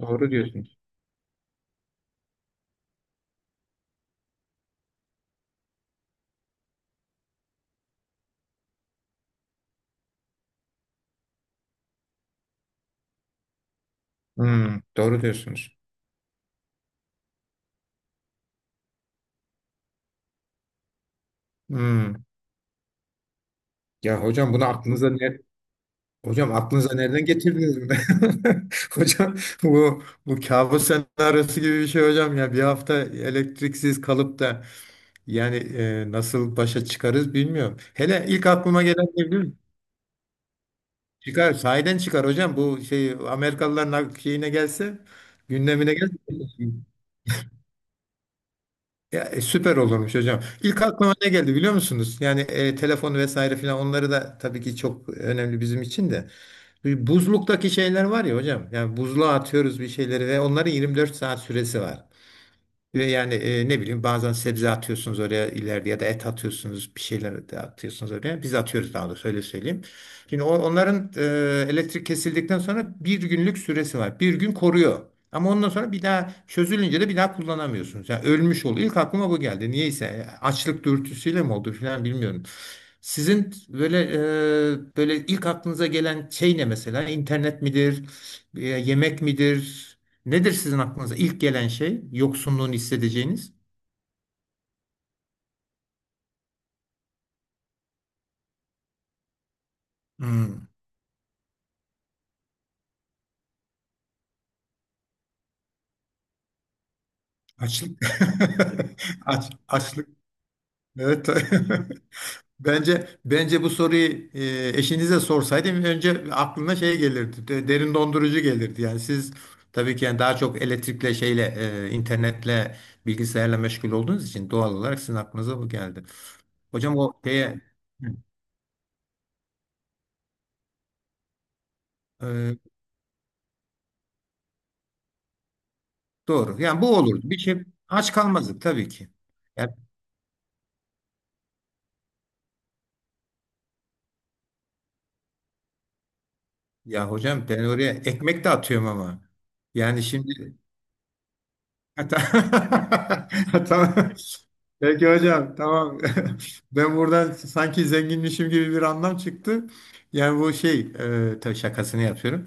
Doğru diyorsunuz. Hmm, doğru diyorsunuz. Hmm. Ya hocam bunu aklınıza hocam aklınıza nereden getirdiniz mi? Hocam bu kabus senaryosu gibi bir şey hocam, ya bir hafta elektriksiz kalıp da yani nasıl başa çıkarız bilmiyorum. Hele ilk aklıma gelen ne biliyor musun? Çıkar, sahiden çıkar hocam, bu şey Amerikalıların şeyine gelse, gündemine gelse. Ya, süper olurmuş hocam. İlk aklıma ne geldi biliyor musunuz? Yani telefon vesaire filan, onları da tabii ki çok önemli bizim için de. Bu buzluktaki şeyler var ya hocam. Yani buzluğa atıyoruz bir şeyleri ve onların 24 saat süresi var. Ve yani ne bileyim, bazen sebze atıyorsunuz oraya ileride ya da et atıyorsunuz, bir şeyler de atıyorsunuz oraya. Biz atıyoruz daha doğrusu, öyle söyleyeyim. Şimdi onların elektrik kesildikten sonra bir günlük süresi var. Bir gün koruyor. Ama ondan sonra bir daha çözülünce de bir daha kullanamıyorsunuz. Yani ölmüş oluyor. İlk aklıma bu geldi. Niyeyse açlık dürtüsüyle mi oldu falan bilmiyorum. Sizin böyle böyle ilk aklınıza gelen şey ne mesela? İnternet midir? E, yemek midir? Nedir sizin aklınıza ilk gelen şey? Yoksunluğunu hissedeceğiniz. Hmm, açlık. Açlık. Evet. Bence bu soruyu eşinize sorsaydım önce aklına şey gelirdi. Derin dondurucu gelirdi. Yani siz, tabii ki yani daha çok elektrikle şeyle, internetle, bilgisayarla meşgul olduğunuz için doğal olarak sizin aklınıza bu geldi. Hocam o şeye. Hı. E, doğru. Yani bu olur. Bir şey, aç kalmazdık tabii ki. Ya hocam ben oraya ekmek de atıyorum ama. Yani şimdi tamam. Peki hocam, tamam. Ben buradan sanki zenginmişim gibi bir anlam çıktı. Yani bu şey, tabii şakasını yapıyorum.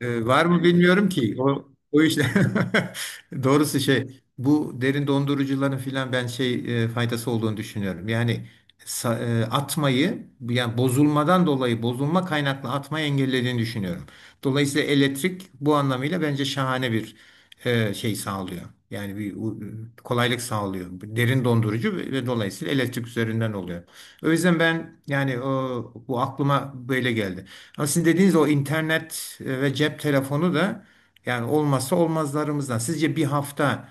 Var mı bilmiyorum ki. O işte doğrusu şey, bu derin dondurucuların filan ben şey faydası olduğunu düşünüyorum. Yani atmayı, yani bozulmadan dolayı, bozulma kaynaklı atmayı engellediğini düşünüyorum. Dolayısıyla elektrik bu anlamıyla bence şahane bir şey sağlıyor. Yani kolaylık sağlıyor. Derin dondurucu ve dolayısıyla elektrik üzerinden oluyor. O yüzden ben yani bu aklıma böyle geldi. Ama sizin dediğiniz o internet ve cep telefonu da yani olmazsa olmazlarımızdan. Sizce bir hafta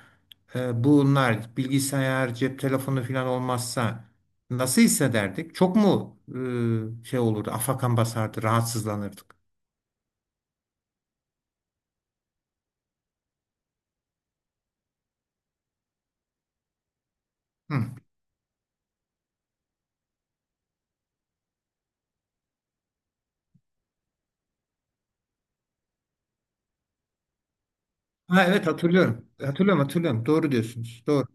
bunlar bilgisayar, cep telefonu falan olmazsa nasıl hissederdik? Çok mu şey olurdu, afakan basardı, rahatsızlanırdık? Hı. Ha, evet hatırlıyorum. Hatırlıyorum, hatırlıyorum. Doğru diyorsunuz. Doğru.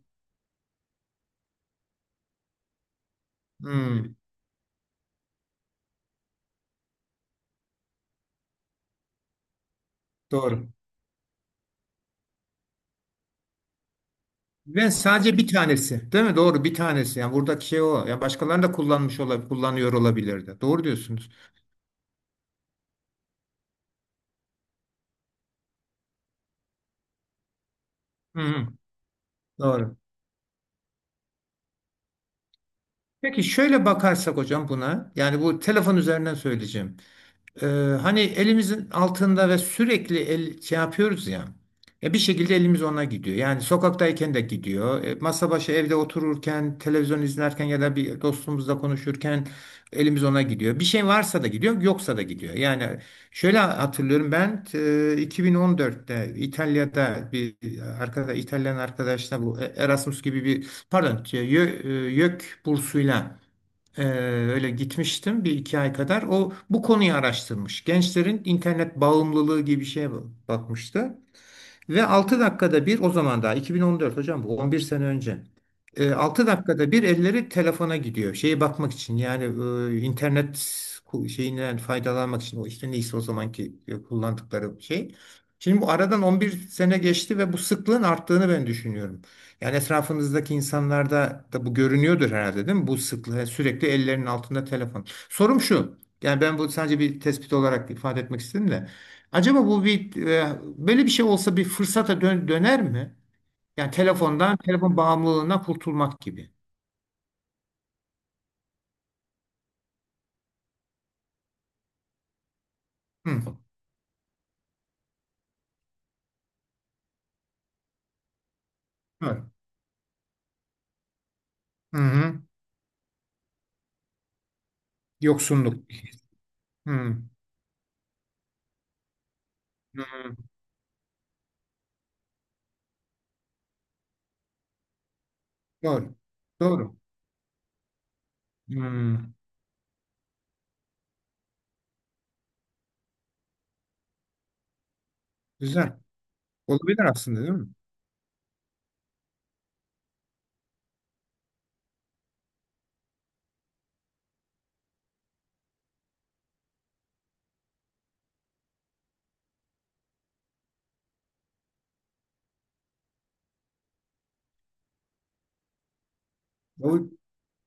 Hmm, doğru. Ben sadece bir tanesi, değil mi? Doğru, bir tanesi. Yani buradaki şey o. Ya başkalarını da kullanmış olabilir, kullanıyor olabilirdi. Doğru diyorsunuz. Hı hı. Doğru. Peki şöyle bakarsak hocam buna, yani bu telefon üzerinden söyleyeceğim. Ee, hani elimizin altında ve sürekli el, şey yapıyoruz ya, ya bir şekilde elimiz ona gidiyor. Yani sokaktayken de gidiyor, masa başı evde otururken, televizyon izlerken ya da bir dostumuzla konuşurken elimiz ona gidiyor. Bir şey varsa da gidiyor, yoksa da gidiyor. Yani şöyle hatırlıyorum ben, 2014'te İtalya'da bir İtalyan arkadaşla bu Erasmus gibi bir, pardon, YÖK bursuyla ee, öyle gitmiştim bir iki ay kadar. O bu konuyu araştırmış. Gençlerin internet bağımlılığı gibi bir şeye bakmıştı. Ve 6 dakikada bir, o zaman daha 2014, hocam bu 11 sene önce. E, 6 dakikada bir elleri telefona gidiyor. Şeye bakmak için, yani internet şeyinden faydalanmak için, o işte neyse o zamanki kullandıkları şey. Şimdi bu aradan 11 sene geçti ve bu sıklığın arttığını ben düşünüyorum. Yani etrafınızdaki insanlarda da bu görünüyordur herhalde, değil mi? Bu sıklığı, yani sürekli ellerinin altında telefon. Sorum şu. Yani ben bu sadece bir tespit olarak ifade etmek istedim de. Acaba bu bir, böyle bir şey olsa, bir fırsata döner mi? Yani telefondan, telefon bağımlılığına kurtulmak gibi. Hı. Evet. Hı hı. Yoksunluk. Hı. Hı. Doğru. Doğru. Hı. Güzel. Olabilir aslında, değil mi?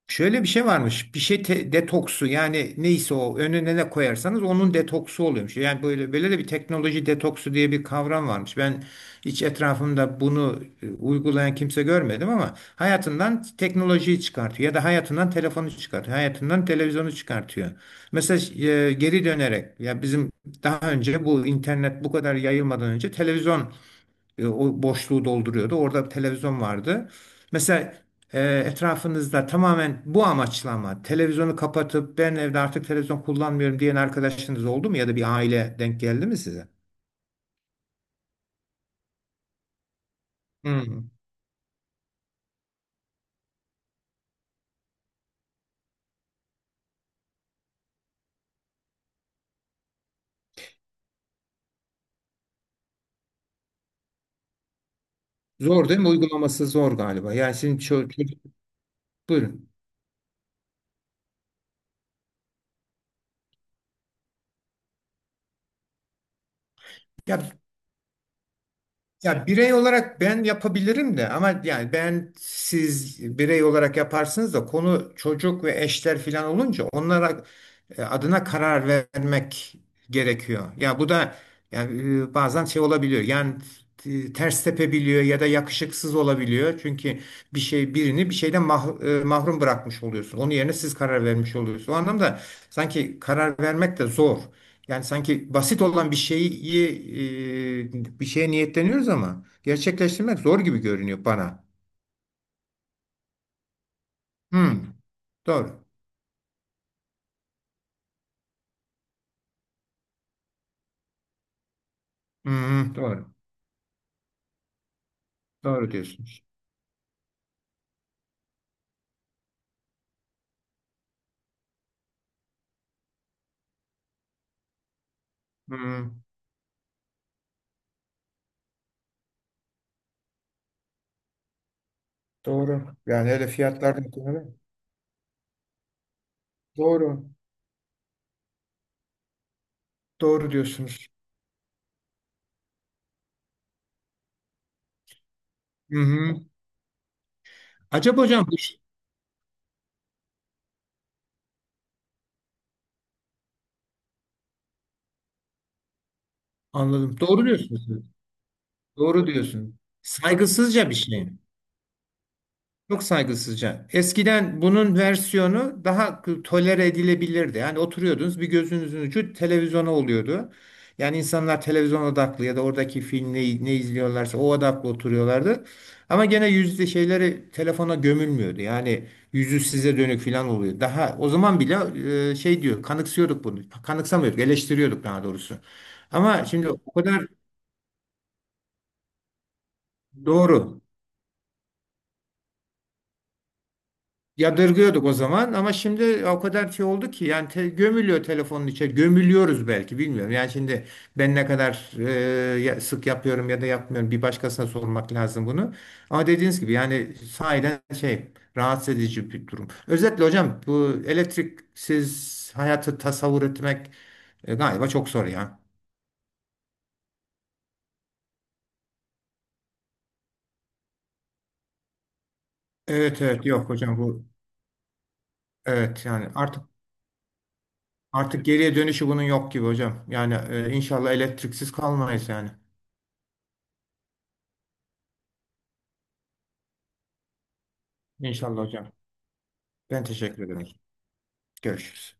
Şöyle bir şey varmış. Bir şey, detoksu, yani neyse o önüne ne koyarsanız onun detoksu oluyormuş. Yani böyle böyle de bir teknoloji detoksu diye bir kavram varmış. Ben hiç etrafımda bunu uygulayan kimse görmedim ama hayatından teknolojiyi çıkartıyor ya da hayatından telefonu çıkartıyor, hayatından televizyonu çıkartıyor. Mesela geri dönerek, ya bizim daha önce, bu internet bu kadar yayılmadan önce televizyon o boşluğu dolduruyordu. Orada bir televizyon vardı. Mesela e, etrafınızda tamamen bu amaçla, ama televizyonu kapatıp ben evde artık televizyon kullanmıyorum diyen arkadaşınız oldu mu ya da bir aile denk geldi mi size? Hmm. Zor değil mi? Uygulaması zor galiba. Yani sizin çocuk, buyurun. Ya. Ya birey olarak ben yapabilirim de, ama yani ben, siz birey olarak yaparsınız da konu çocuk ve eşler filan olunca onlara adına karar vermek gerekiyor. Ya bu da yani bazen şey olabiliyor. Yani ters tepebiliyor ya da yakışıksız olabiliyor. Çünkü bir şey, birini bir şeyden mahrum bırakmış oluyorsun. Onun yerine siz karar vermiş oluyorsunuz. O anlamda sanki karar vermek de zor. Yani sanki basit olan bir şeyi, bir şeye niyetleniyoruz ama gerçekleştirmek zor gibi görünüyor bana. Hmm, doğru. Hmm, doğru. Doğru diyorsunuz. Hmm, doğru. Yani öyle fiyatlardan sonra. Doğru. Doğru diyorsunuz. Hı hı. Acaba hocam bu, anladım. Doğru diyorsunuz. Doğru diyorsunuz. Saygısızca bir şey. Çok saygısızca. Eskiden bunun versiyonu daha tolere edilebilirdi. Yani oturuyordunuz, bir gözünüzün ucu televizyona oluyordu. Yani insanlar televizyon odaklı ya da oradaki film ne, ne izliyorlarsa o odaklı oturuyorlardı. Ama gene yüzde şeyleri telefona gömülmüyordu. Yani yüzü size dönük falan oluyor. Daha o zaman bile şey diyor, kanıksıyorduk bunu. Kanıksamıyorduk, eleştiriyorduk daha doğrusu. Ama şimdi o kadar, doğru. Yadırgıyorduk o zaman, ama şimdi o kadar şey oldu ki, yani gömülüyor, telefonun içe gömülüyoruz belki, bilmiyorum. Yani şimdi ben ne kadar sık yapıyorum ya da yapmıyorum, bir başkasına sormak lazım bunu. Ama dediğiniz gibi yani sahiden şey, rahatsız edici bir durum. Özetle hocam, bu elektriksiz hayatı tasavvur etmek galiba çok zor ya. Evet evet, yok hocam bu, evet yani artık, artık geriye dönüşü bunun yok gibi hocam. Yani inşallah elektriksiz kalmayız yani. İnşallah hocam. Ben teşekkür ederim. Görüşürüz.